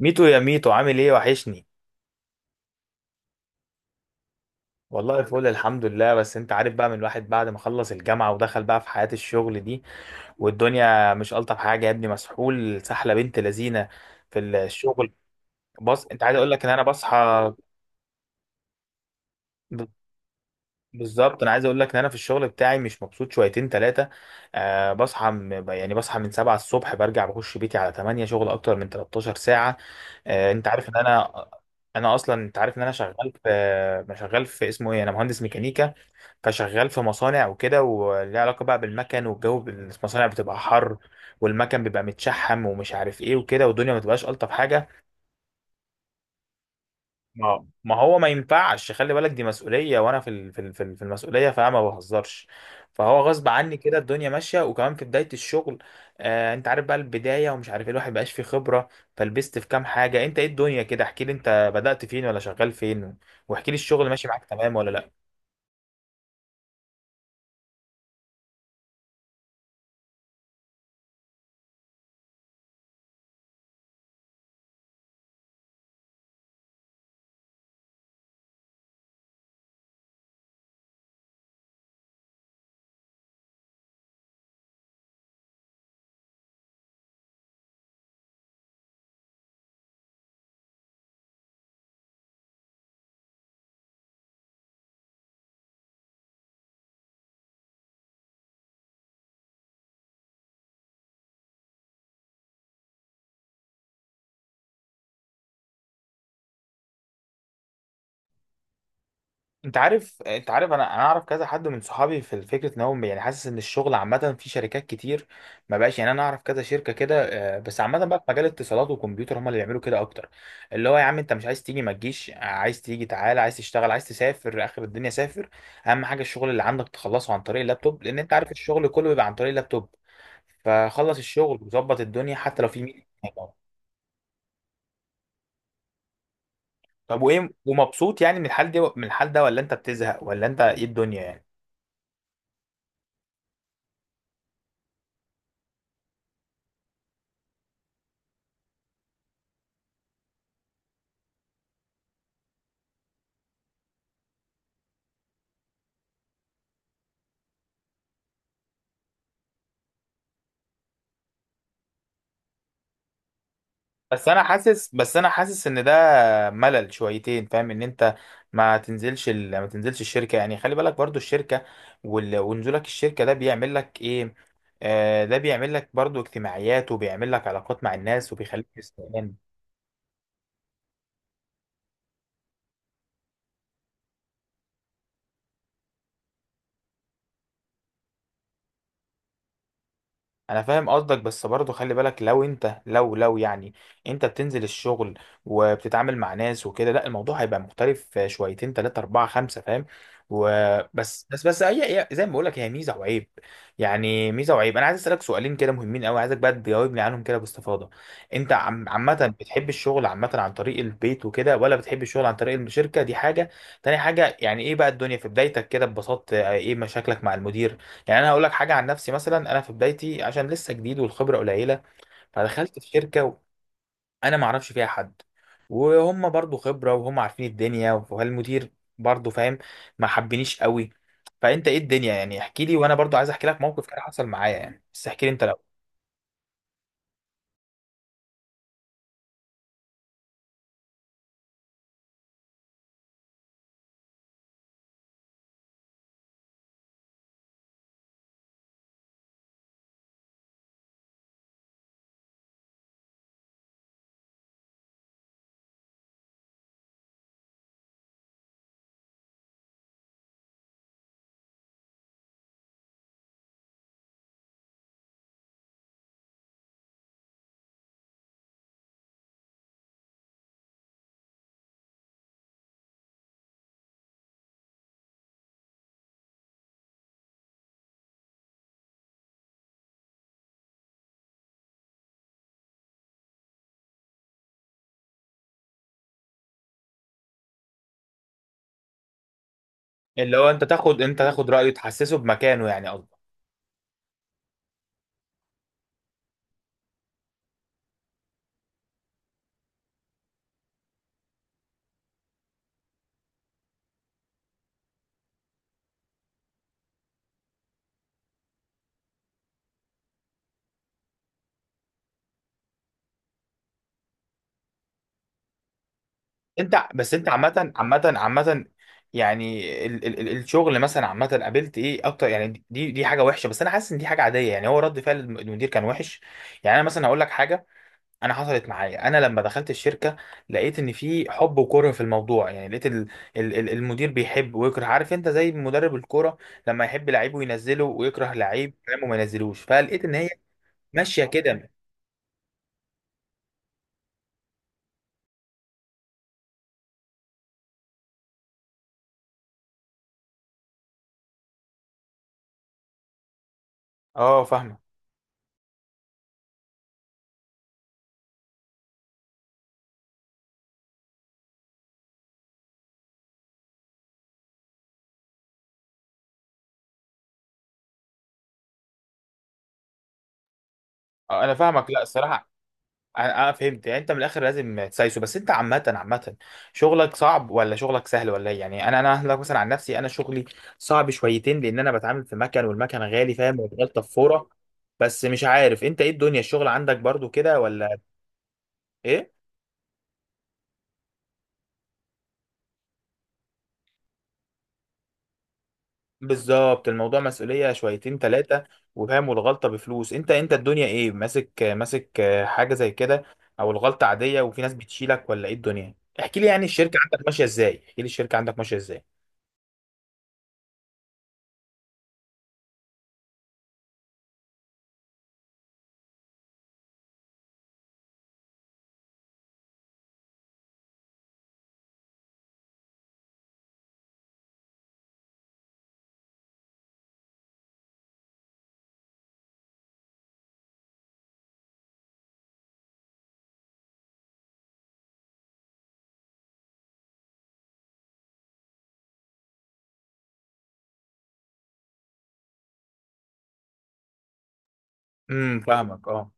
ميتو يا ميتو، عامل ايه؟ وحشني. والله فل، الحمد لله. بس انت عارف بقى، من الواحد بعد ما خلص الجامعة ودخل بقى في حياة الشغل دي، والدنيا مش ألطف حاجة يا ابني. مسحول سحلة بنت لذينة في الشغل. بص، انت عايز اقول لك ان انا بصحى ب- بالظبط. انا عايز اقول لك ان انا في الشغل بتاعي مش مبسوط شويتين ثلاثة. أه، بصحى يعني بصحى من 7 الصبح، برجع بخش بيتي على 8، شغل اكتر من 13 ساعة. أه انت عارف ان انا، اصلا انت عارف ان انا شغال في، انا شغال في اسمه ايه، انا مهندس ميكانيكا. فشغال في مصانع وكده، وليه علاقة بقى بالمكن والجو المصانع بتبقى حر، والمكن بيبقى متشحم ومش عارف ايه وكده، والدنيا ما تبقاش ألطف حاجة. ما هو ما ينفعش، خلي بالك دي مسؤولية، وانا في المسؤولية، فانا ما بهزرش. فهو غصب عني كده الدنيا ماشية، وكمان في بداية الشغل. آه انت عارف بقى البداية ومش عارف ايه، الواحد مبقاش فيه خبرة، فلبست في كام حاجة. انت ايه الدنيا كده؟ احكي لي انت بدأت فين ولا شغال فين، واحكي لي الشغل ماشي معاك تمام ولا لا. انت عارف، انت عارف انا اعرف كذا حد من صحابي، في فكره ان هو يعني حاسس ان الشغل عامه في شركات كتير ما بقاش يعني، انا اعرف كذا شركه كده. آه، بس عامه بقى في مجال الاتصالات والكمبيوتر هم اللي بيعملوا كده اكتر. اللي هو يا عم، انت مش عايز تيجي ما تجيش، عايز تيجي تعالى، عايز تشتغل، عايز تسافر اخر الدنيا سافر. اهم حاجه الشغل اللي عندك تخلصه عن طريق اللابتوب، لان انت عارف الشغل كله بيبقى عن طريق اللابتوب. فخلص الشغل وظبط الدنيا حتى لو في ميتنج. طب وايه؟ ومبسوط يعني من الحال دي، من الحال ده؟ ولا انت بتزهق؟ ولا انت ايه الدنيا يعني؟ بس انا حاسس ان ده ملل شويتين، فاهم؟ ان انت ما تنزلش الشركه، يعني خلي بالك برضو الشركه ونزولك الشركه ده بيعمل لك ايه. آه ده بيعمل لك برضو اجتماعيات، وبيعمل لك علاقات مع الناس وبيخليك. انا فاهم قصدك، بس برضه خلي بالك، لو انت لو يعني انت بتنزل الشغل وبتتعامل مع ناس وكده، لا الموضوع هيبقى مختلف شويتين تلاتة اربعة خمسة، فاهم؟ وبس بس بس هي زي ما بقول لك، هي ميزة وعيب. يعني ميزة وعيب. انا عايز اسالك سؤالين كده مهمين قوي، عايزك بقى تجاوبني عنهم كده باستفاضة. انت عامة بتحب الشغل عامة عن طريق البيت وكده، ولا بتحب الشغل عن طريق الشركة؟ دي حاجة. تاني حاجة، يعني ايه بقى الدنيا في بدايتك كده ببساطة؟ ايه مشاكلك مع المدير؟ يعني انا هقول لك حاجه عن نفسي. مثلا انا في بدايتي، عشان لسه جديد والخبره قليله، فدخلت في شركه انا ما اعرفش فيها حد، وهم برضو خبره وهم عارفين الدنيا، والمدير برضو فاهم ما حبنيش قوي. فانت ايه الدنيا يعني؟ احكي لي، وانا برضو عايز احكي لك موقف كده حصل معايا يعني، بس احكي لي انت لو. اللي هو انت تاخد، انت تاخد رايه، تحسسه بمكانه يعني قصدي. انت بس، انت عامة عامة، يعني الشغل مثلا عامة قابلت ايه اكتر؟ يعني دي حاجة وحشة، بس انا حاسس ان دي حاجة عادية يعني، هو رد فعل المدير كان وحش. يعني انا مثلا هقول لك حاجة. انا حصلت معايا انا لما دخلت الشركة، لقيت ان في حب وكره في الموضوع. يعني لقيت ال ال ال المدير بيحب ويكره، عارف انت زي مدرب الكورة، لما يحب لعيبه ينزله ويكره لعيب كلامه ما ينزلوش. فلقيت ان هي ماشية كده. اه فاهمة. اه انا فاهمك، لا الصراحة اه. آه، فهمت. يعني انت من الاخر لازم تسايسه. بس انت عامه شغلك صعب ولا شغلك سهل ولا ايه يعني؟ انا هقولك مثلا عن نفسي، انا شغلي صعب شويتين، لان انا بتعامل في مكن والمكن غالي فاهم، وبغلطه في فوره. بس مش عارف انت ايه الدنيا، الشغل عندك برضو كده ولا ايه؟ بالظبط، الموضوع مسؤوليه شويتين ثلاثه، وفاهم، والغلطه بفلوس. انت الدنيا ايه؟ ماسك، حاجه زي كده، او الغلطه عاديه وفي ناس بتشيلك، ولا ايه الدنيا؟ احكي لي يعني الشركه عندك ماشيه ازاي، احكي لي الشركه عندك ماشيه ازاي. امم، فاهمك اه.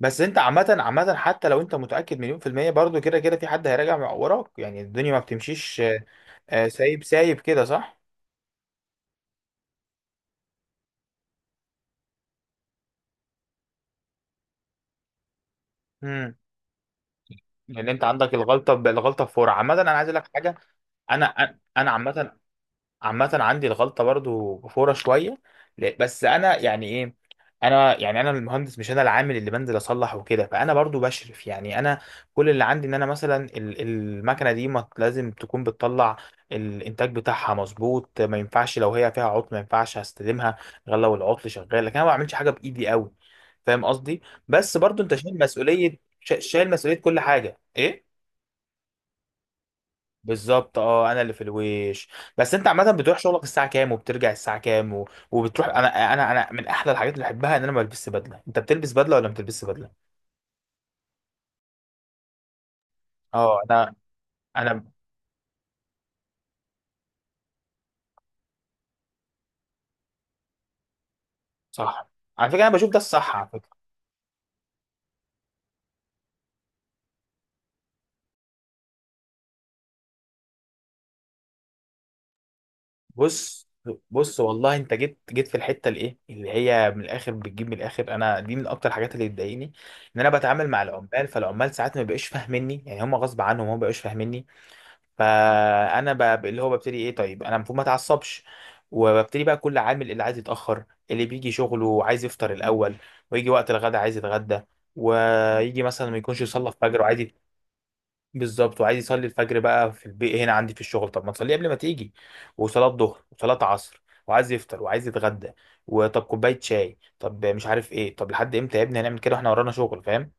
بس انت عامة حتى لو انت متأكد مليون في المية، برضو كده كده في حد هيراجع وراك يعني، الدنيا ما بتمشيش. آه، آه، سايب سايب كده صح؟ امم. لان انت عندك الغلطة الغلطة بفور. عامة انا عايز اقول لك حاجة. انا، عامة عندي الغلطة برضو فورة شوية. بس أنا يعني إيه، أنا يعني أنا المهندس، مش أنا العامل اللي بنزل أصلح وكده. فأنا برضو بشرف يعني، أنا كل اللي عندي إن أنا مثلا المكنة دي ما لازم تكون بتطلع الإنتاج بتاعها مظبوط. ما ينفعش لو هي فيها عطل، ما ينفعش هستلمها غير لو العطل شغال، لكن أنا ما بعملش حاجة بإيدي قوي، فاهم قصدي؟ بس برضو أنت شايل مسؤولية، شايل مسؤولية كل حاجة إيه. بالظبط اه، انا اللي في الويش. بس انت عامه بتروح شغلك الساعه كام وبترجع الساعه كام وبتروح؟ انا، انا من احلى الحاجات اللي بحبها ان انا ما بلبسش بدله، انت بتلبس بدله ولا ما بتلبسش بدله؟ اه انا، انا صح على فكره انا بشوف ده الصح، على فكره. بص بص والله انت جيت في الحته الايه، اللي هي من الاخر بتجيب من الاخر. انا دي من اكتر الحاجات اللي بتضايقني، ان انا بتعامل مع العمال، فالعمال ساعات ما بيبقوش فاهميني يعني، هم غصب عنهم هم ما بيبقوش فاهميني. فانا اللي هو ببتدي ايه؟ طيب انا المفروض ما اتعصبش، وببتدي بقى كل عامل اللي عايز يتاخر، اللي بيجي شغله عايز يفطر الاول، ويجي وقت الغدا عايز يتغدى، ويجي مثلا ما يكونش يصلي الفجر وعايز بالظبط، وعايز يصلي الفجر بقى في البيت هنا عندي في الشغل. طب ما تصلي قبل ما تيجي، وصلاه ظهر وصلاه عصر، وعايز يفطر وعايز يتغدى، وطب كوبايه شاي، طب مش عارف ايه، طب لحد امتى يا ابني هنعمل كده واحنا ورانا شغل، فاهم؟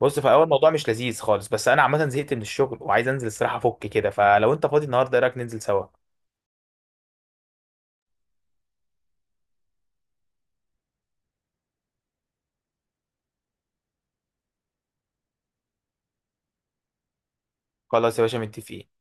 بص في اول الموضوع مش لذيذ خالص، بس انا عامه زهقت من الشغل وعايز انزل الصراحه افك كده، فلو انت فاضي النهارده ايه رايك ننزل سوا؟ خلاص يا باشا، متفقين.